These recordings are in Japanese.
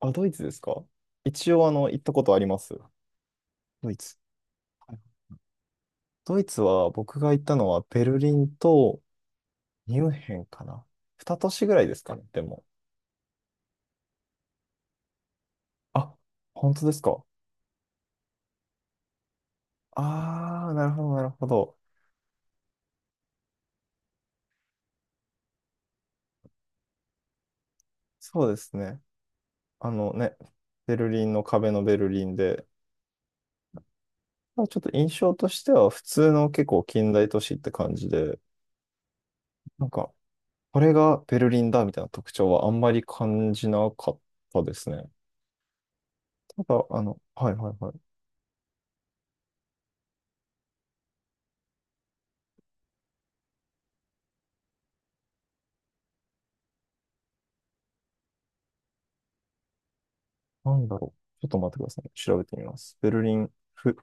あ、ドイツですか？一応、行ったことあります。ドイツ。はい。ドイツは、僕が行ったのは、ベルリンとミュンヘンかな。二都市ぐらいですかね、でも。あ、本当ですか。あー、なるほど、なるほど。そうですね。あのね、ベルリンの壁のベルリンで、まあちょっと印象としては、普通の結構近代都市って感じで、なんか、これがベルリンだみたいな特徴はあんまり感じなかったですね。ただ、はいはいはい。なんだろう。ちょっと待ってくださいね。調べてみます。ベルリン、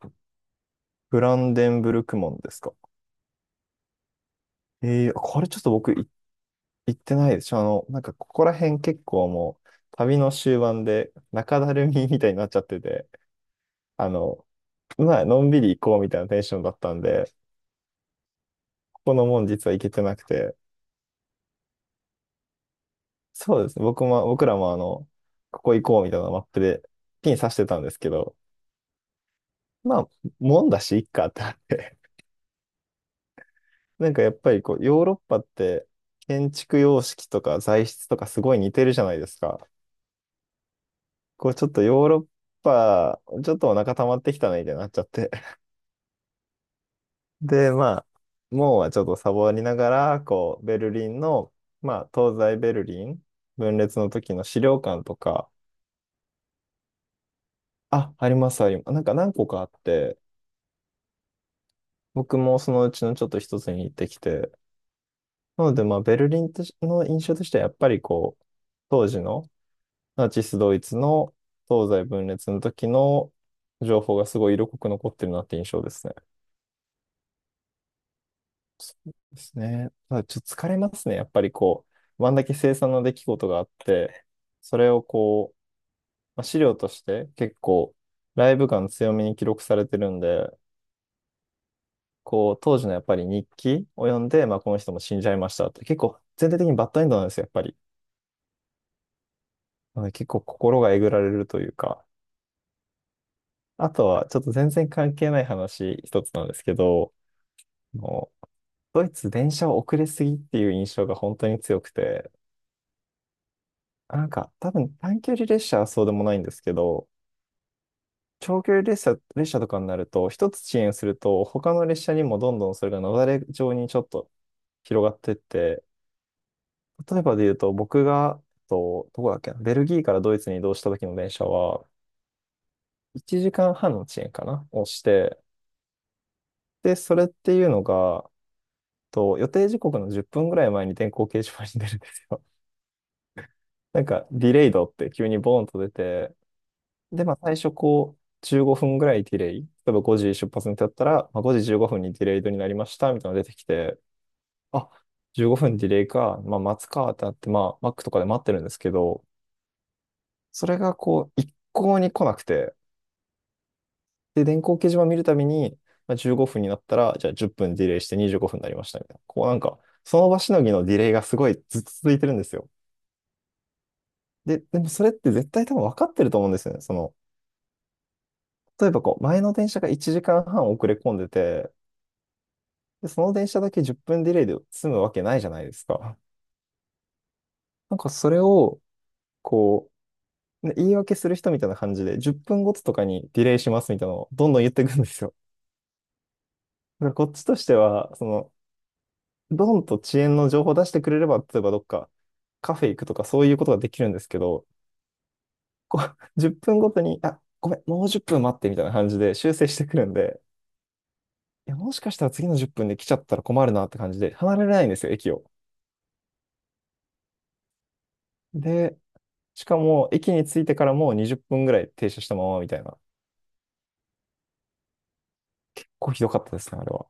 フランデンブルク門ですか？これちょっと行ってないでしょ。なんかここら辺結構もう旅の終盤で中だるみみたいになっちゃってて、あの、まあ、のんびり行こうみたいなテンションだったんで、ここの門実は行けてなくて、そうですね。僕らもここ行こうみたいなマップでピン刺してたんですけど、まあ、門だし、いっかってなって、なんかやっぱりこう、ヨーロッパって建築様式とか材質とかすごい似てるじゃないですか。こうちょっとヨーロッパ、ちょっとお腹溜まってきたねみたいになっちゃって。で、まあ、もうはちょっとサボりながら、こう、ベルリンの、まあ、東西ベルリン分裂の時の資料館とか、あ、あります、あります。なんか何個かあって、僕もそのうちのちょっと一つに行ってきて、なので、まあ、ベルリンとしの印象としてはやっぱりこう、当時のナチスドイツの東西分裂の時の情報がすごい色濃く残ってるなって印象ですね。ですね。ただちょっと疲れますね。やっぱりこう、あんだけ凄惨な出来事があって、それをこう、まあ、資料として結構ライブ感強めに記録されてるんで、こう、当時のやっぱり日記を読んで、まあこの人も死んじゃいましたって、結構全体的にバッドエンドなんですよ、やっぱり。なので結構心がえぐられるというか。あとは、ちょっと全然関係ない話一つなんですけど、あのドイツ電車遅れすぎっていう印象が本当に強くて、なんか多分短距離列車はそうでもないんですけど、長距離列車、列車とかになると、一つ遅延すると他の列車にもどんどんそれが雪崩状にちょっと広がってって、例えばで言うと僕が、どこだっけな、ベルギーからドイツに移動した時の電車は1時間半の遅延かなをして、で、それっていうのが、予定時刻の10分ぐらい前に電光掲示板に出るんですよ。なんか、ディレイドって急にボーンと出て、で、まあ、最初こう、15分ぐらいディレイ。例えば5時出発にだったら、まあ、5時15分にディレイドになりました、みたいなのが出てきて、あ、15分ディレイか、まあ、待つかってなって、まあ、マックとかで待ってるんですけど、それがこう、一向に来なくて、で、電光掲示板見るたびに、まあ、15分になったら、じゃあ10分ディレイして25分になりました、みたいな。こうなんか、その場しのぎのディレイがすごいずっと続いてるんですよ。で、でもそれって絶対多分分かってると思うんですよね。その、例えばこう、前の電車が1時間半遅れ込んでて、で、その電車だけ10分ディレイで済むわけないじゃないですか。なんかそれを、こう、ね言い訳する人みたいな感じで、10分ごととかにディレイしますみたいなのをどんどん言っていくんですよ。だからこっちとしては、その、ドンと遅延の情報を出してくれれば、例えばどっかカフェ行くとかそういうことができるんですけど、こう、10分ごとに、あ、ごめん、もう10分待ってみたいな感じで修正してくるんで、いや、もしかしたら次の10分で来ちゃったら困るなって感じで、離れられないんですよ、駅を。で、しかも、駅に着いてからもう20分ぐらい停車したままみたいな。こうひどかったですね、あれは。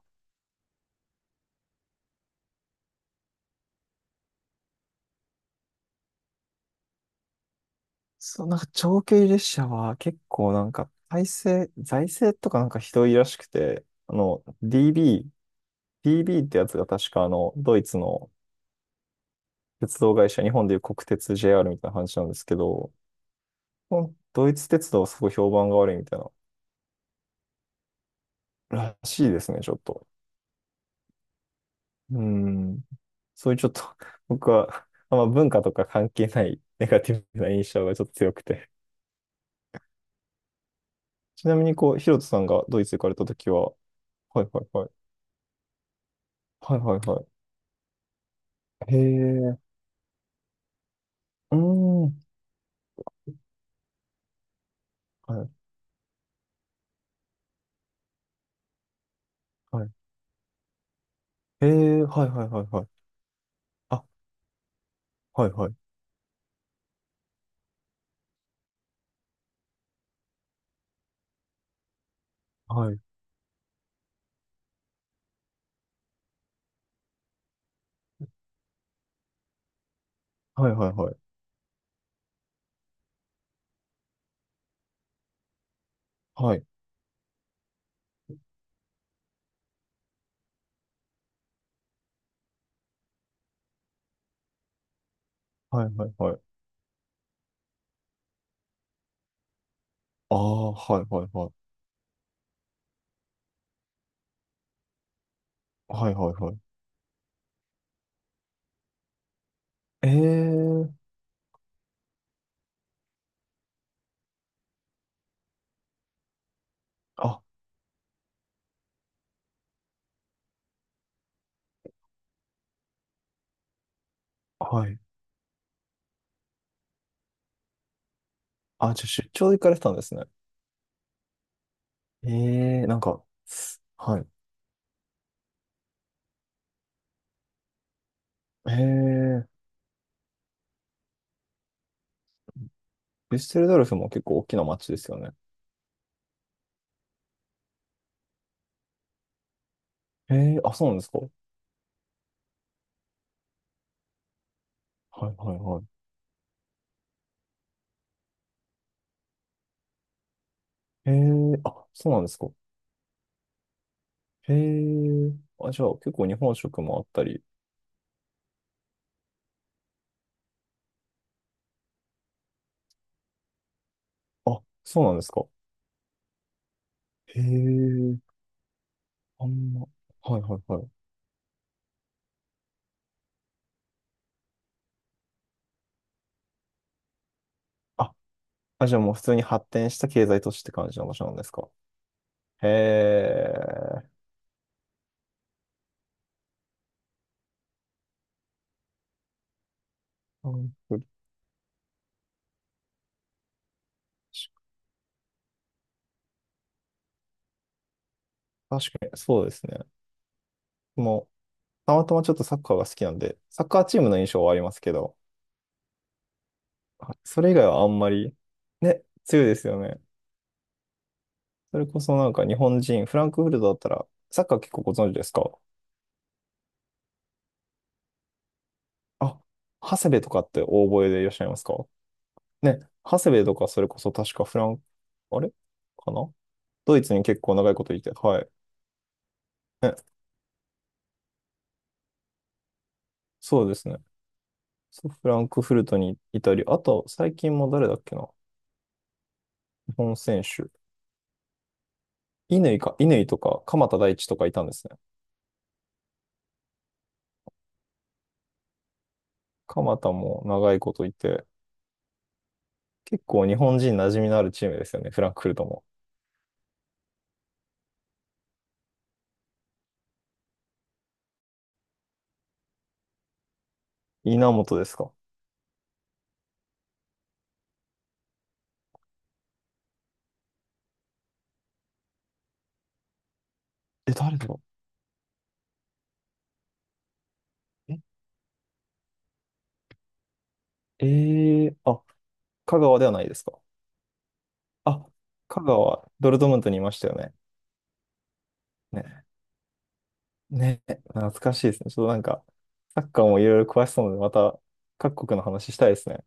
そう、なんか長距離列車は結構なんか、体制、財政とかなんかひどいらしくて、DB ってやつが確かドイツの鉄道会社、日本でいう国鉄 JR みたいな話なんですけど、このドイツ鉄道はすごい評判が悪いみたいな、らしいですね、ちょっと。うん。そういうちょっと、僕は、あんま文化とか関係ないネガティブな印象がちょっと強くて。ちなみに、こう、ヒロトさんがドイツ行かれたときは、はいはいはい。はいはいはい。へえ、うーん。はいはい。へえ、はいはいはいはい。あ、はいはい。はい。はいはいはい。はい。はいはいはい。ああ、はいはいはい。はいはいはい。ええ、あ、はい。あ、じゃあ出張で行かれてたんですね。ええ、なんか、はい。ええ、デュッセルドルフも結構大きな街ですよね。ええ、あ、そうなんですか。はいはいはい。ええ、あ、そうなんですか。へえ。あ、じゃあ結構日本食もあったり。あ、そうなんですか。へえ。あんま。はいはいはい。あ、あ、じゃあもう普通に発展した経済都市って感じの場所なんですか。へえ。あふり確かに、そうですね。もう、たまたまちょっとサッカーが好きなんで、サッカーチームの印象はありますけど、はいそれ以外はあんまり、ね、強いですよね。それこそなんか日本人、フランクフルトだったら、サッカー結構ご存知ですか？あ、長谷部とかって大覚えでいらっしゃいますか？ね、長谷部とかそれこそ確かフラン、あれかな、ドイツに結構長いこといて、はい。ね、そうですね。そう、フランクフルトにいたり、あと最近も誰だっけな、日本選手。乾とか鎌田大地とかいたんですね。鎌田も長いこといて、結構日本人馴染みのあるチームですよね、フランクフルトも。稲本ですか？え、誰だ？え、あ、香川ではないですか？あ、香川、ドルトムントにいましたよね。ね。ね、懐かしいですね。ちょっとなんか、サッカーもいろいろ詳しそうなので、また各国の話したいですね。